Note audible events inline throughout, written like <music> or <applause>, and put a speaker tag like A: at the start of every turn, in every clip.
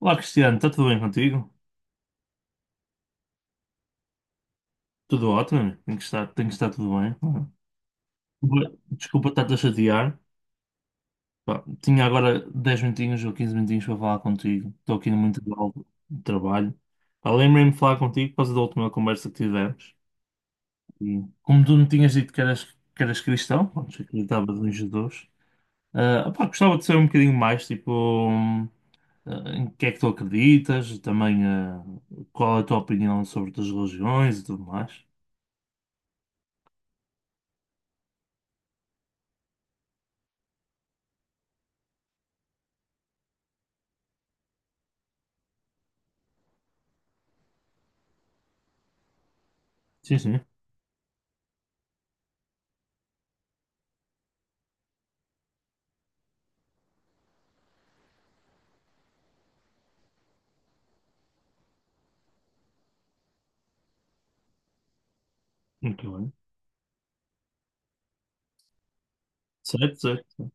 A: Olá, Cristiano, está tudo bem contigo? Tudo ótimo, amigo. Tem que estar tudo bem. Desculpa estar-te a chatear. Pá, tinha agora 10 minutinhos ou 15 minutinhos para falar contigo. Estou aqui no muito de trabalho. Pá, lembrei-me de falar contigo por causa da última conversa que tivemos. E como tu me tinhas dito que eras, cristão, pronto, que acreditavas em Jesus, pá, gostava de saber um bocadinho mais, tipo, em que é que tu acreditas, e também qual é a tua opinião sobre outras religiões e tudo mais. Sim, sim. Muito bem. Certo, certo.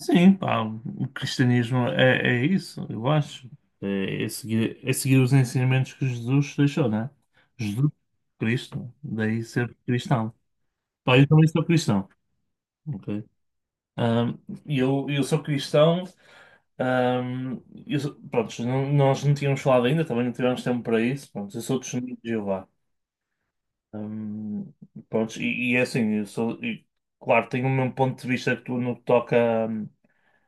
A: Sim, pá, o cristianismo é isso, eu acho. É seguir, é seguir os ensinamentos que Jesus deixou, né? Jesus, Cristo, daí ser cristão. Pá, eu também sou cristão, ok? Ahm, e eu sou cristão, ahm, pronto, nós não tínhamos falado ainda, também não tivemos tempo para isso, pronto, eu sou testemunho de Jeová. Ahm, Pronto, e é assim, eu sou, e, claro, tenho o mesmo ponto de vista que tu no que toca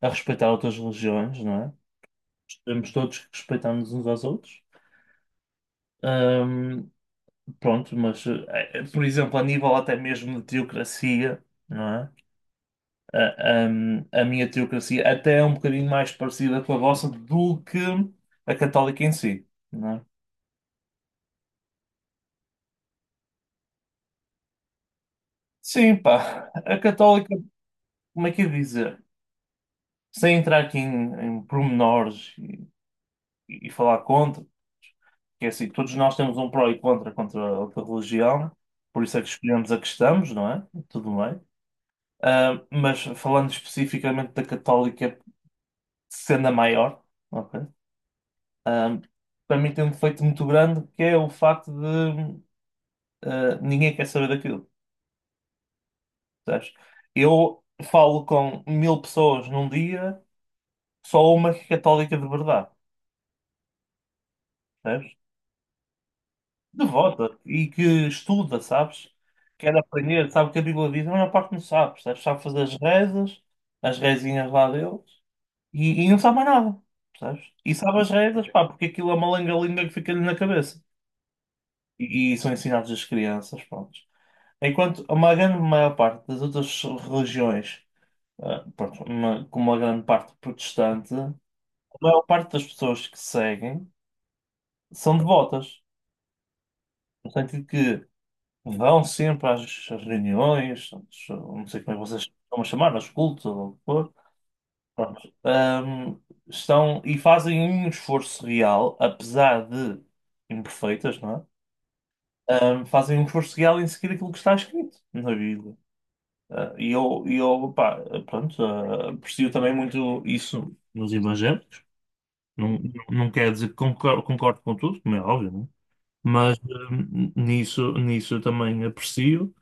A: a respeitar outras religiões, não é? Temos todos que respeitar-nos uns aos outros. Ahm, Pronto, mas, por exemplo, a nível até mesmo de teocracia, não é? A minha teocracia até é um bocadinho mais parecida com a vossa do que a católica em si, não é? Sim, pá, <laughs> a católica, como é que eu ia dizer? Sem entrar aqui em pormenores e falar contra. Que é assim, todos nós temos um pró e contra contra a outra religião, por isso é que escolhemos a que estamos, não é? Tudo bem. Mas falando especificamente da católica, sendo a maior, ok? Ah, Para mim tem um defeito muito grande que é o facto de ninguém quer saber daquilo. Sabes? Eu falo com 1000 pessoas num dia, só uma que é católica de verdade. Percebes? Devota e que estuda, sabes? Quer aprender, sabe o que a Bíblia diz, a maior parte não sabe, sabes? Sabe fazer as rezas, as rezinhas lá deles e não sabe mais nada, sabes? E sabe as rezas, pá, porque aquilo é uma lenga-linga que fica-lhe na cabeça. E são ensinados às crianças, pronto. Enquanto uma grande maior parte das outras religiões, pronto, uma, como uma grande parte protestante, a maior parte das pessoas que seguem são devotas, no sentido que vão sempre às reuniões, não sei como é que vocês estão a chamar, aos cultos ou o que for. Pronto. Estão e fazem um esforço real, apesar de imperfeitas, não é? Fazem um esforço real em seguir aquilo que está escrito na Bíblia. E eu, pá, pronto, aprecio também muito isso nos evangélicos. Não, não quer dizer que concordo com tudo, como é óbvio, não é? Mas nisso eu também aprecio.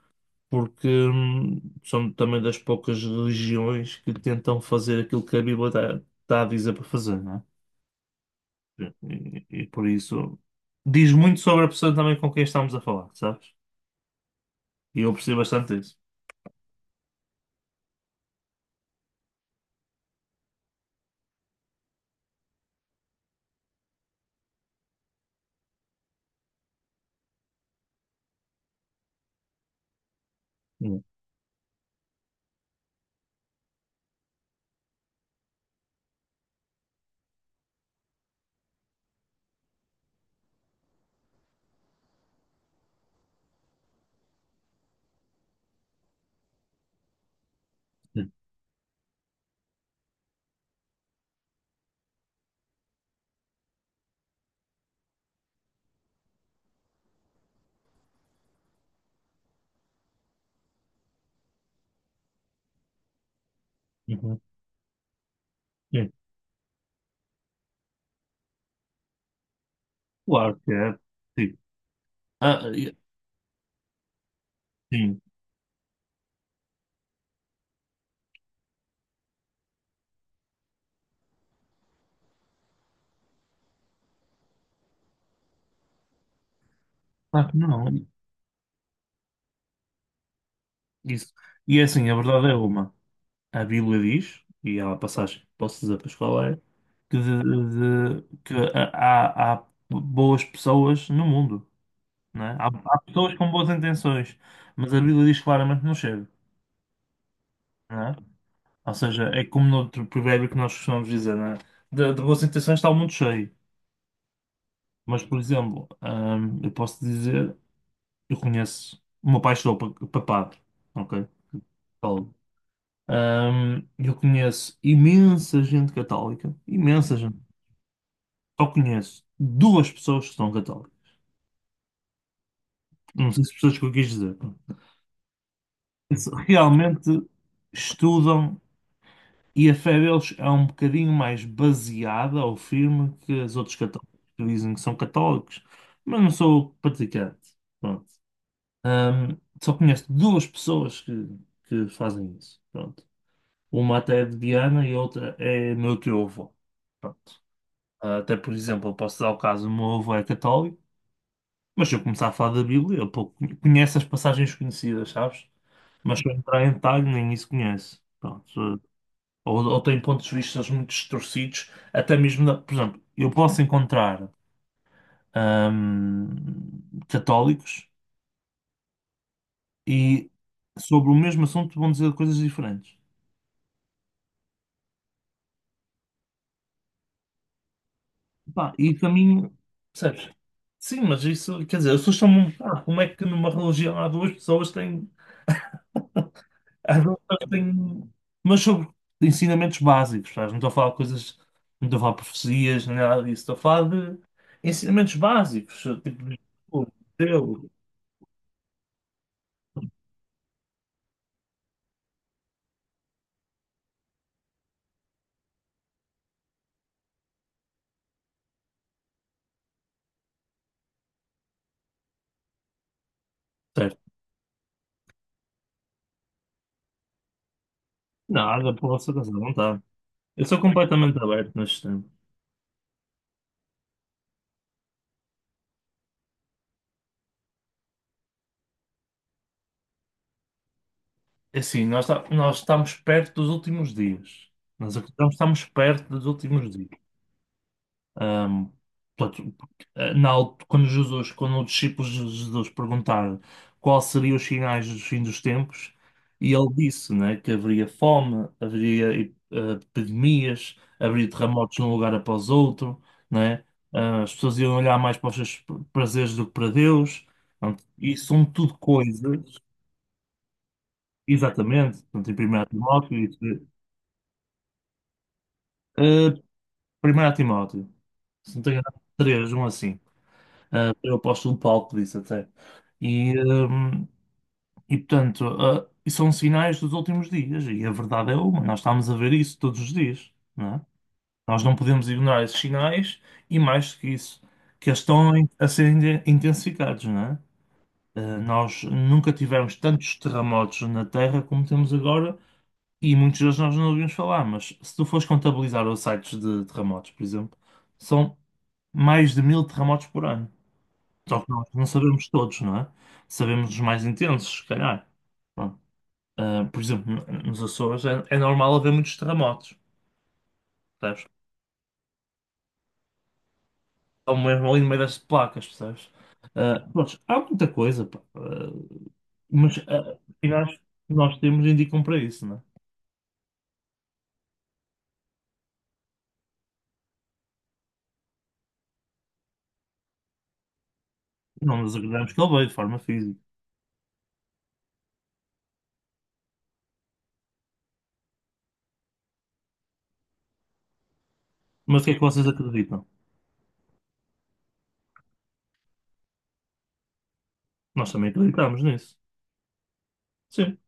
A: Porque são também das poucas religiões que tentam fazer aquilo que a Bíblia está a dizer para fazer, não é? E por isso diz muito sobre a pessoa também com quem estamos a falar, sabes? E eu percebo bastante isso. Uhum. Uhum. Sim. Claro que é. Sim. Ah, e- sim. Claro que não. Isso. E é assim, a verdade é uma. A Bíblia diz, e há uma passagem que posso dizer para a escola, é que há boas pessoas no mundo, não é? Há pessoas com boas intenções, mas a Bíblia diz claramente que não chega, não é? Ou seja, é como no outro provérbio que nós costumamos dizer, não é? De boas intenções está o mundo cheio. Mas, por exemplo, eu posso dizer, eu conheço, o meu pai estudou para padre, ok? Eu conheço imensa gente católica, imensa gente. Só conheço duas pessoas que são católicas. Não sei se pessoas que eu quis dizer. Eles realmente estudam e a fé deles é um bocadinho mais baseada ou firme que as outros católicos que dizem que são católicos, mas não sou praticante. Pronto. Ahm, Só conheço duas pessoas que fazem isso. Pronto. Uma até é de Viana e outra é meu teu avô. Pronto. Até, por exemplo, eu posso dar o caso, o meu avô é católico, mas se eu começar a falar da Bíblia, ele pouco conhece as passagens conhecidas, sabes? Mas se eu entrar em detalhe, nem isso conhece. Pronto. Ou tem pontos de vista muito distorcidos, até mesmo, por exemplo, eu posso encontrar ahm, católicos e sobre o mesmo assunto vão dizer coisas diferentes. Pá, e para mim, percebes? Sim, mas isso, quer dizer, as pessoas são, como é que numa religião há duas pessoas que têm às vezes tem, mas sobre ensinamentos básicos, sabes? Não estou a falar de coisas, não estou a falar de profecias, nem nada disso, estou a falar de ensinamentos básicos, tipo de oh, Deus, certo? Nada, por vossa razão, não está. Eu sou completamente aberto neste tempo. É assim, nós estamos perto dos últimos dias. Nós acreditamos que estamos perto dos últimos dias. Ahm, Portanto, quando Jesus, quando os discípulos de Jesus perguntaram quais seriam os sinais dos fins dos tempos, e ele disse, né, que haveria fome, haveria epidemias, haveria terremotos de um lugar após outro, né? As pessoas iam olhar mais para os seus prazeres do que para Deus. Portanto, e são tudo coisas, exatamente, portanto, em primeiro Timóteo, isso, eh, 1 Timóteo, se não tenho errado, 3, um assim. Eu posto um palco disso até. E, hum, e portanto, e são sinais dos últimos dias, e a verdade é uma, nós estamos a ver isso todos os dias, não é? Nós não podemos ignorar esses sinais e mais do que isso, que eles estão a ser intensificados, não é? Nós nunca tivemos tantos terremotos na Terra como temos agora, e muitos deles nós não ouvimos falar, mas se tu fores contabilizar os sites de terremotos, por exemplo, são mais de 1000 terremotos por ano. Só que nós não sabemos todos, não é? Sabemos os mais intensos, se calhar. Pronto. Por exemplo, nos Açores é normal haver muitos terremotos, percebes? Ou mesmo ali no meio das placas, percebes? Pronto, há muita coisa, pá. Mas os sinais que nós temos indicam para isso, não é? Não nos acreditamos que ele veio de forma física. Mas o que é que vocês acreditam? Nós também acreditamos nisso. Sim.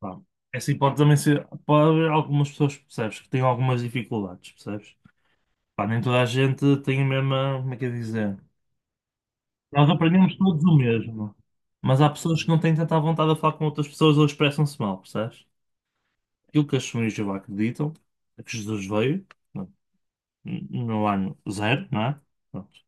A: Pá, essa hipótese também ser. Pode haver algumas pessoas, percebes, que têm algumas dificuldades, percebes? Pá, nem toda a gente tem a mesma, como é que é dizer? Nós aprendemos todos o mesmo, mas há pessoas que não têm tanta vontade de falar com outras pessoas ou expressam-se mal, percebes? Aquilo que as famílias de Jeová acreditam é que Jesus veio não, no ano zero, não é? Pronto.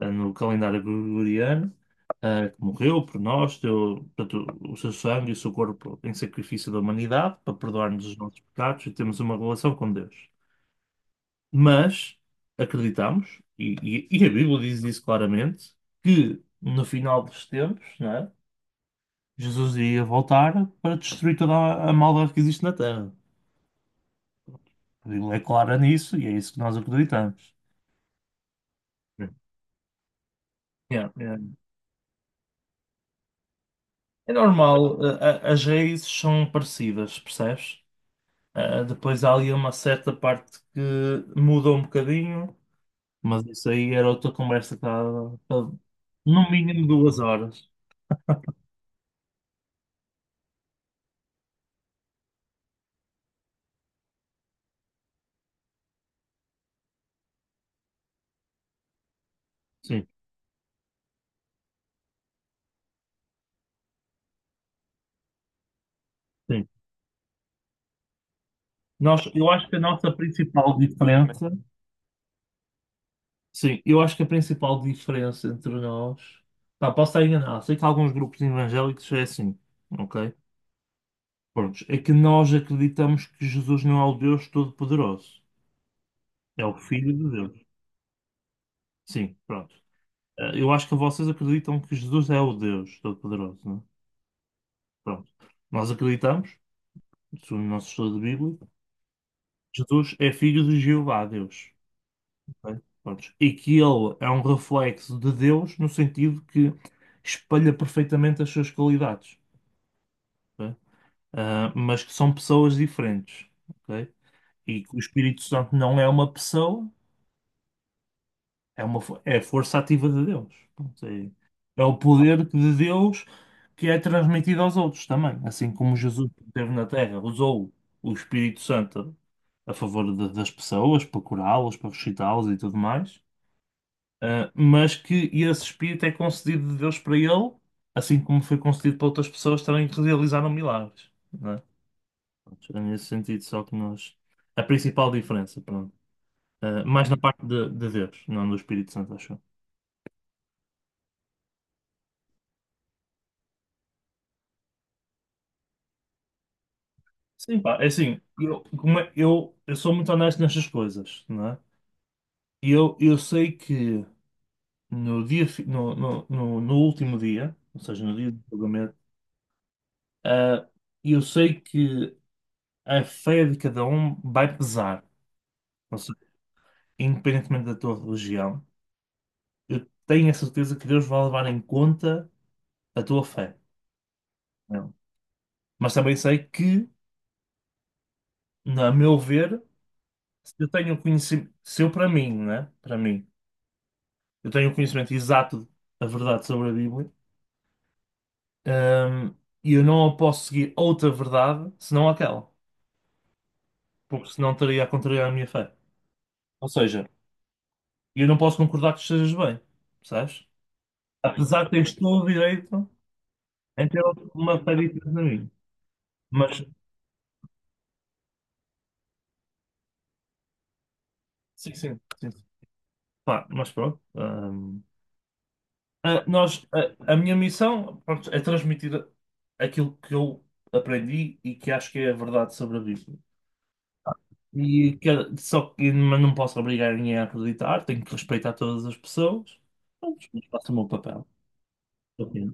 A: É no calendário gregoriano, que morreu por nós, deu, portanto, o seu sangue e o seu corpo em sacrifício da humanidade para perdoar-nos os nossos pecados e termos uma relação com Deus. Mas acreditamos, e a Bíblia diz isso claramente, que no final dos tempos, não é? Jesus iria voltar para destruir toda a maldade que existe na Terra. A Bíblia é clara nisso e é isso que nós acreditamos. Yeah, yeah. É normal, as raízes são parecidas, percebes? Depois há ali uma certa parte que muda um bocadinho, mas isso aí era outra conversa que dava para, no mínimo 2 horas. Sim, sim. Nós, eu acho que a nossa principal diferença, sim, eu acho que a principal diferença entre nós, pá, posso estar enganado, sei que alguns grupos evangélicos é assim, ok? Pronto, é que nós acreditamos que Jesus não é o Deus Todo-Poderoso, é o Filho de Deus. Sim, pronto. Eu acho que vocês acreditam que Jesus é o Deus Todo-Poderoso, não é? Pronto. Nós acreditamos, segundo o nosso estudo de Bíblia, Jesus é filho de Jeová, Deus. Bem, prontos. E que ele é um reflexo de Deus no sentido que espelha perfeitamente as suas qualidades, ok? Mas que são pessoas diferentes, ok? E que o Espírito Santo não é uma pessoa, é a força ativa de Deus. Pronto, é o poder de Deus que é transmitido aos outros também, assim como Jesus que esteve na Terra usou o Espírito Santo a favor das pessoas para curá-las, para ressuscitá-las e tudo mais. Mas que esse espírito é concedido de Deus para ele, assim como foi concedido para outras pessoas também que realizaram milagres, não é? Pronto, é nesse sentido, só que nós. A principal diferença, pronto. Mais na parte de Deus, não do Espírito Santo, acho eu. Sim, pá, é assim, eu, eu sou muito honesto nestas coisas, não é? E eu sei que no último dia, ou seja, no dia do julgamento, uh, eu sei que a fé de cada um vai pesar. Independentemente da tua religião, eu tenho a certeza que Deus vai levar em conta a tua fé. Não? É? Mas também sei que, na a meu ver, se eu tenho conhecimento, se eu para mim, né? Para mim, eu tenho o conhecimento exato da verdade sobre a Bíblia, hum, e eu não posso seguir outra verdade senão aquela, porque senão estaria a contrariar a minha fé. Ou seja, eu não posso concordar que estejas bem, percebes? Apesar de teres todo o direito em ter uma fé diferente na minha. Mas, sim, sim, sim. Pá, mas pronto. A minha missão, pronto, é transmitir aquilo que eu aprendi e que acho que é a verdade sobre a Bíblia. E que- Só que mas não posso obrigar ninguém a acreditar, tenho que respeitar todas as pessoas. Pronto, mas faço o meu papel. Ok.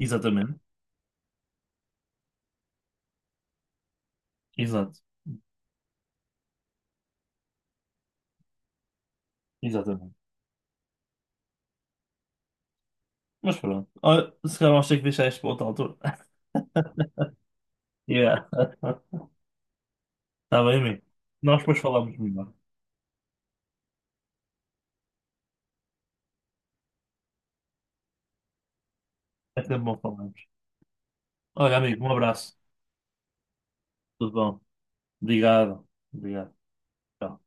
A: Exatamente. Exato. Exatamente. Mas pronto. Olha, se calhar vamos ter que deixar isto para outra altura. <laughs> Yeah. <laughs> Está bem, amigo. Nós depois falamos melhor. É sempre bom falarmos. Olha, amigo, um abraço. Tudo bom. Obrigado, obrigado. Tchau.